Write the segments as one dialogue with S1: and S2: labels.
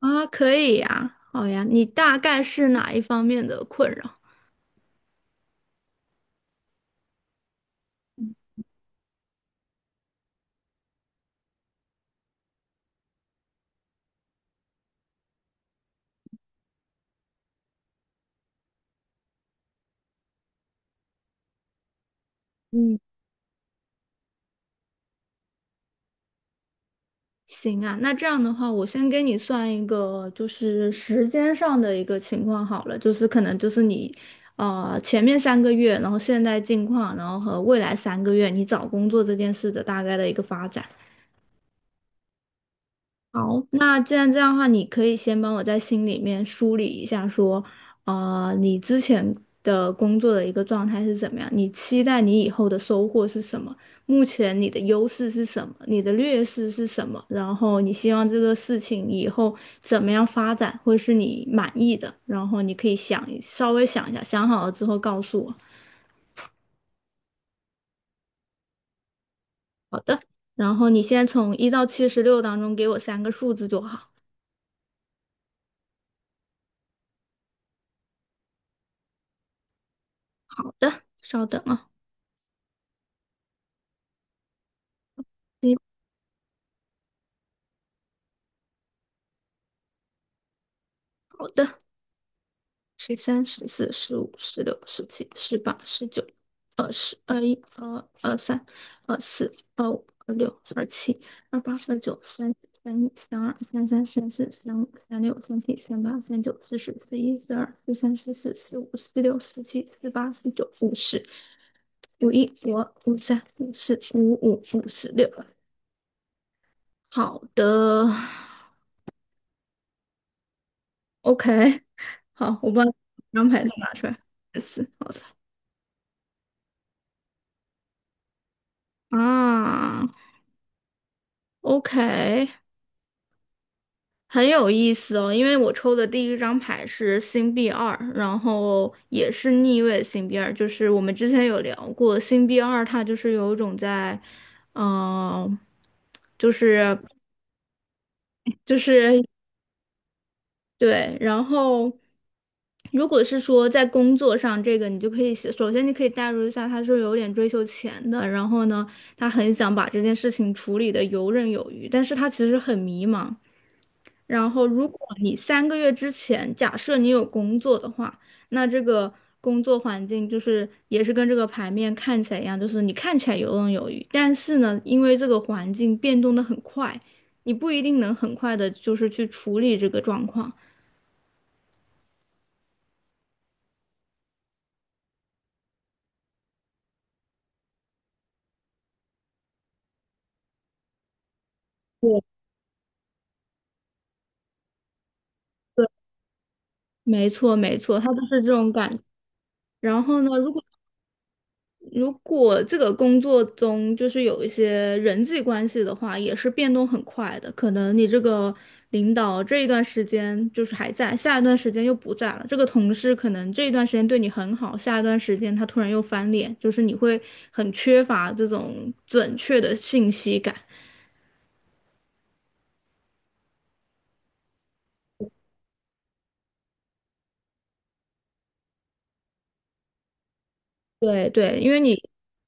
S1: 啊，可以呀，好呀，你大概是哪一方面的困扰？嗯，行啊，那这样的话，我先给你算一个，就是时间上的一个情况好了，就是可能就是你，前面三个月，然后现在近况，然后和未来三个月你找工作这件事的大概的一个发展。好，那既然这样的话，你可以先帮我在心里面梳理一下，说，你之前的工作的一个状态是怎么样？你期待你以后的收获是什么？目前你的优势是什么？你的劣势是什么？然后你希望这个事情以后怎么样发展，会是你满意的？然后你可以稍微想一下，想好了之后告诉我。然后你先从1到76当中给我三个数字就好。好的，稍等啊。嗯好的。13、14、15、十六、17、18、19、20、21、22、23、24、25、26、27、28、29、30、31、32、33、34、35、36、37、38、39、40、41、42、43、44、45、46、47、48、49、五十、51、52、53、54、55、56。好的，OK,好，我把安牌都拿出来。四，好的啊。OK,很有意思哦，因为我抽的第一张牌是星币二，然后也是逆位星币二，就是我们之前有聊过，星币二它就是有一种在，嗯、就是就是对，然后如果是说在工作上这个，你就可以写首先你可以代入一下，他是有点追求钱的，然后呢，他很想把这件事情处理的游刃有余，但是他其实很迷茫。然后，如果你三个月之前，假设你有工作的话，那这个工作环境就是也是跟这个牌面看起来一样，就是你看起来游刃有余，但是呢，因为这个环境变动的很快，你不一定能很快的就是去处理这个状况。对，没错，没错，它就是这种感觉。然后呢，如果这个工作中就是有一些人际关系的话，也是变动很快的。可能你这个领导这一段时间就是还在，下一段时间又不在了。这个同事可能这一段时间对你很好，下一段时间他突然又翻脸，就是你会很缺乏这种准确的信息感。对对，因为你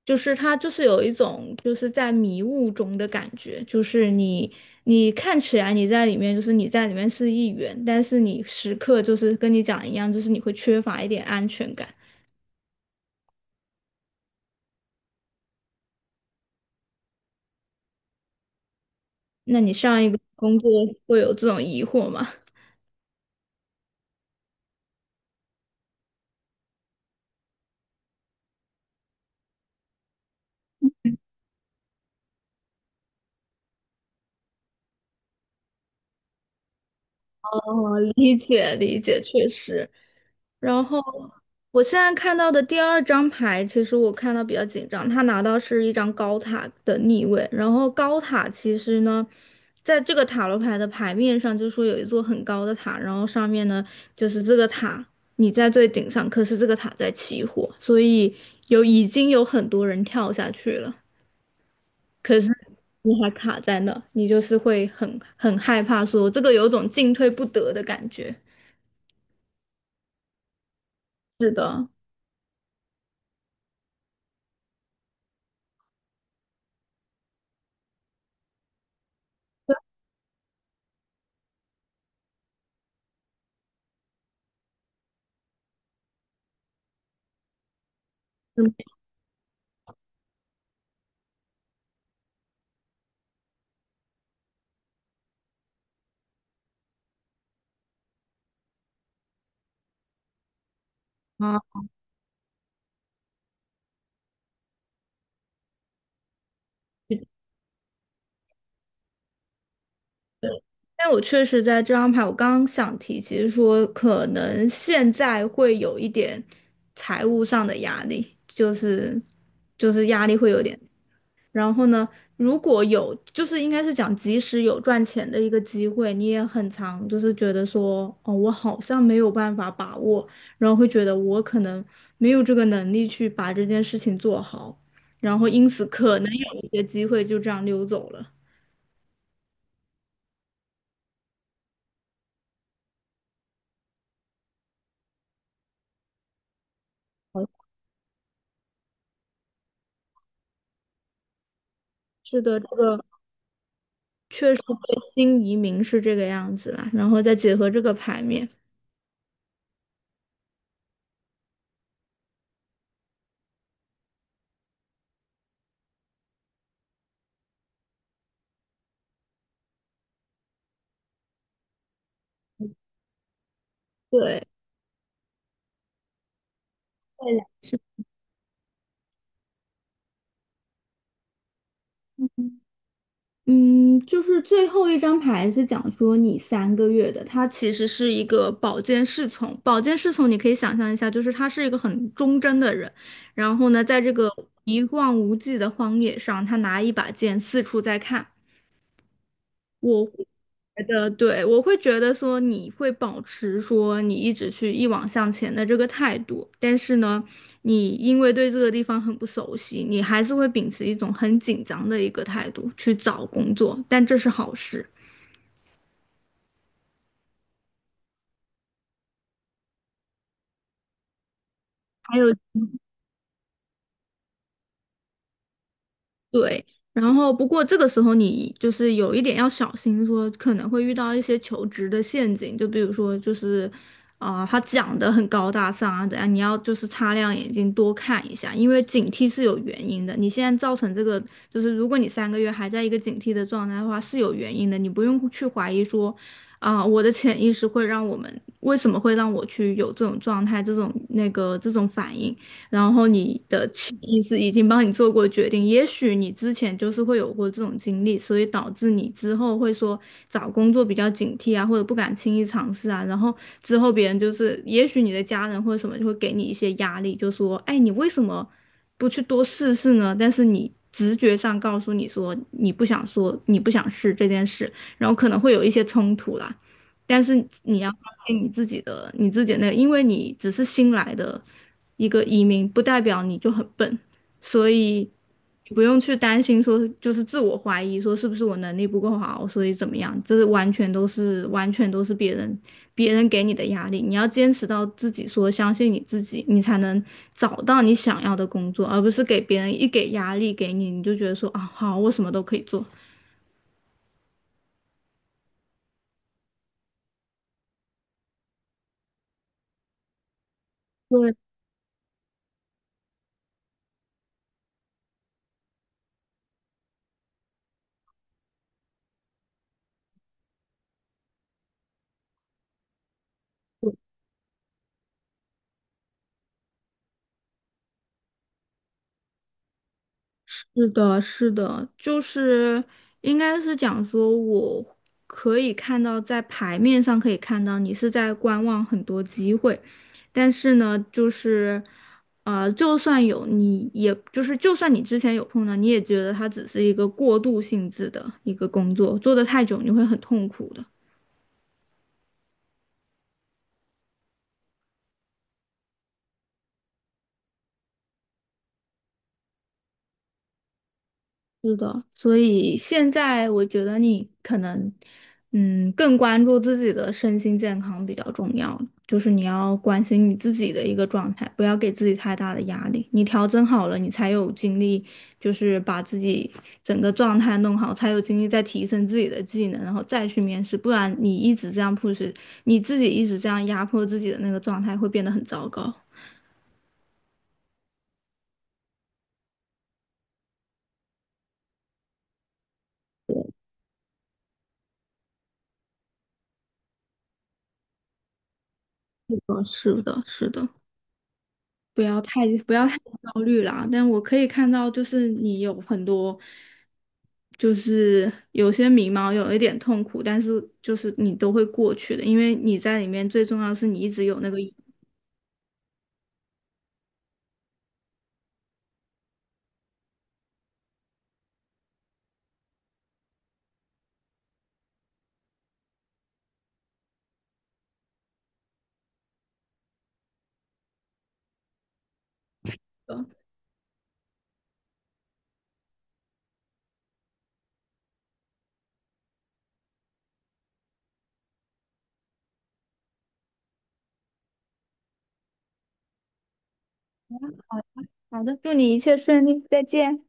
S1: 就是他，就是有一种就是在迷雾中的感觉，就是你看起来你在里面，就是你在里面是一员，但是你时刻就是跟你讲一样，就是你会缺乏一点安全感。那你上一个工作会有这种疑惑吗？理解理解，确实。然后我现在看到的第二张牌，其实我看到比较紧张，他拿到是一张高塔的逆位，然后高塔其实呢，在这个塔罗牌的牌面上，就说有一座很高的塔，然后上面呢就是这个塔你在最顶上，可是这个塔在起火，所以有已经有很多人跳下去了，可是你还卡在那，你就是会很害怕说这个有种进退不得的感觉。是的。啊。但我确实在这张牌，我刚刚想提及说，可能现在会有一点财务上的压力，就是压力会有点。然后呢，如果有，就是应该是讲，即使有赚钱的一个机会，你也很常就是觉得说，哦，我好像没有办法把握，然后会觉得我可能没有这个能力去把这件事情做好，然后因此可能有一些机会就这样溜走了。是的，这个确实对新移民是这个样子啦，然后再结合这个牌面，对。来嗯，嗯就是最后一张牌是讲说你三个月的，它其实是一个宝剑侍从。宝剑侍从你可以想象一下，就是他是一个很忠贞的人，然后呢，在这个一望无际的荒野上，他拿一把剑四处在看。我会觉得，对，我会觉得说你会保持说你一直去一往向前的这个态度，但是呢，你因为对这个地方很不熟悉，你还是会秉持一种很紧张的一个态度去找工作，但这是好事。还有。对，然后不过这个时候你就是有一点要小心说，可能会遇到一些求职的陷阱，就比如说就是，啊、他讲的很高大上啊，怎样，你要就是擦亮眼睛多看一下，因为警惕是有原因的。你现在造成这个，就是如果你三个月还在一个警惕的状态的话，是有原因的，你不用去怀疑说，啊、我的潜意识会让我们为什么会让我去有这种状态，这种反应。然后你的潜意识已经帮你做过决定，也许你之前就是会有过这种经历，所以导致你之后会说找工作比较警惕啊，或者不敢轻易尝试啊，然后之后别人就是，也许你的家人或者什么就会给你一些压力，就说，哎，你为什么不去多试试呢？但是你直觉上告诉你说你不想试这件事，然后可能会有一些冲突啦。但是你要相信你自己的，你自己的那个，因为你只是新来的一个移民，不代表你就很笨，所以你不用去担心说就是自我怀疑，说是不是我能力不够好，所以怎么样，这是完全都是完全都是别人给你的压力，你要坚持到自己说相信你自己，你才能找到你想要的工作，而不是给别人一给压力给你，你就觉得说啊好，我什么都可以做。是的，是的，就是应该是讲说，我可以看到在牌面上可以看到你是在观望很多机会，但是呢，就是就算有你，也就是就算你之前有碰到，你也觉得它只是一个过渡性质的一个工作，做得太久你会很痛苦的。所以现在我觉得你可能，嗯，更关注自己的身心健康比较重要，就是你要关心你自己的一个状态，不要给自己太大的压力。你调整好了，你才有精力，就是把自己整个状态弄好，才有精力再提升自己的技能，然后再去面试。不然你一直这样 push,你自己一直这样压迫自己的那个状态会变得很糟糕。是的，是的，是的。不要太不要太焦虑啦，但我可以看到，就是你有很多，就是有些迷茫，有一点痛苦，但是就是你都会过去的，因为你在里面最重要的是你一直有那个勇气哦。好的，祝你再见。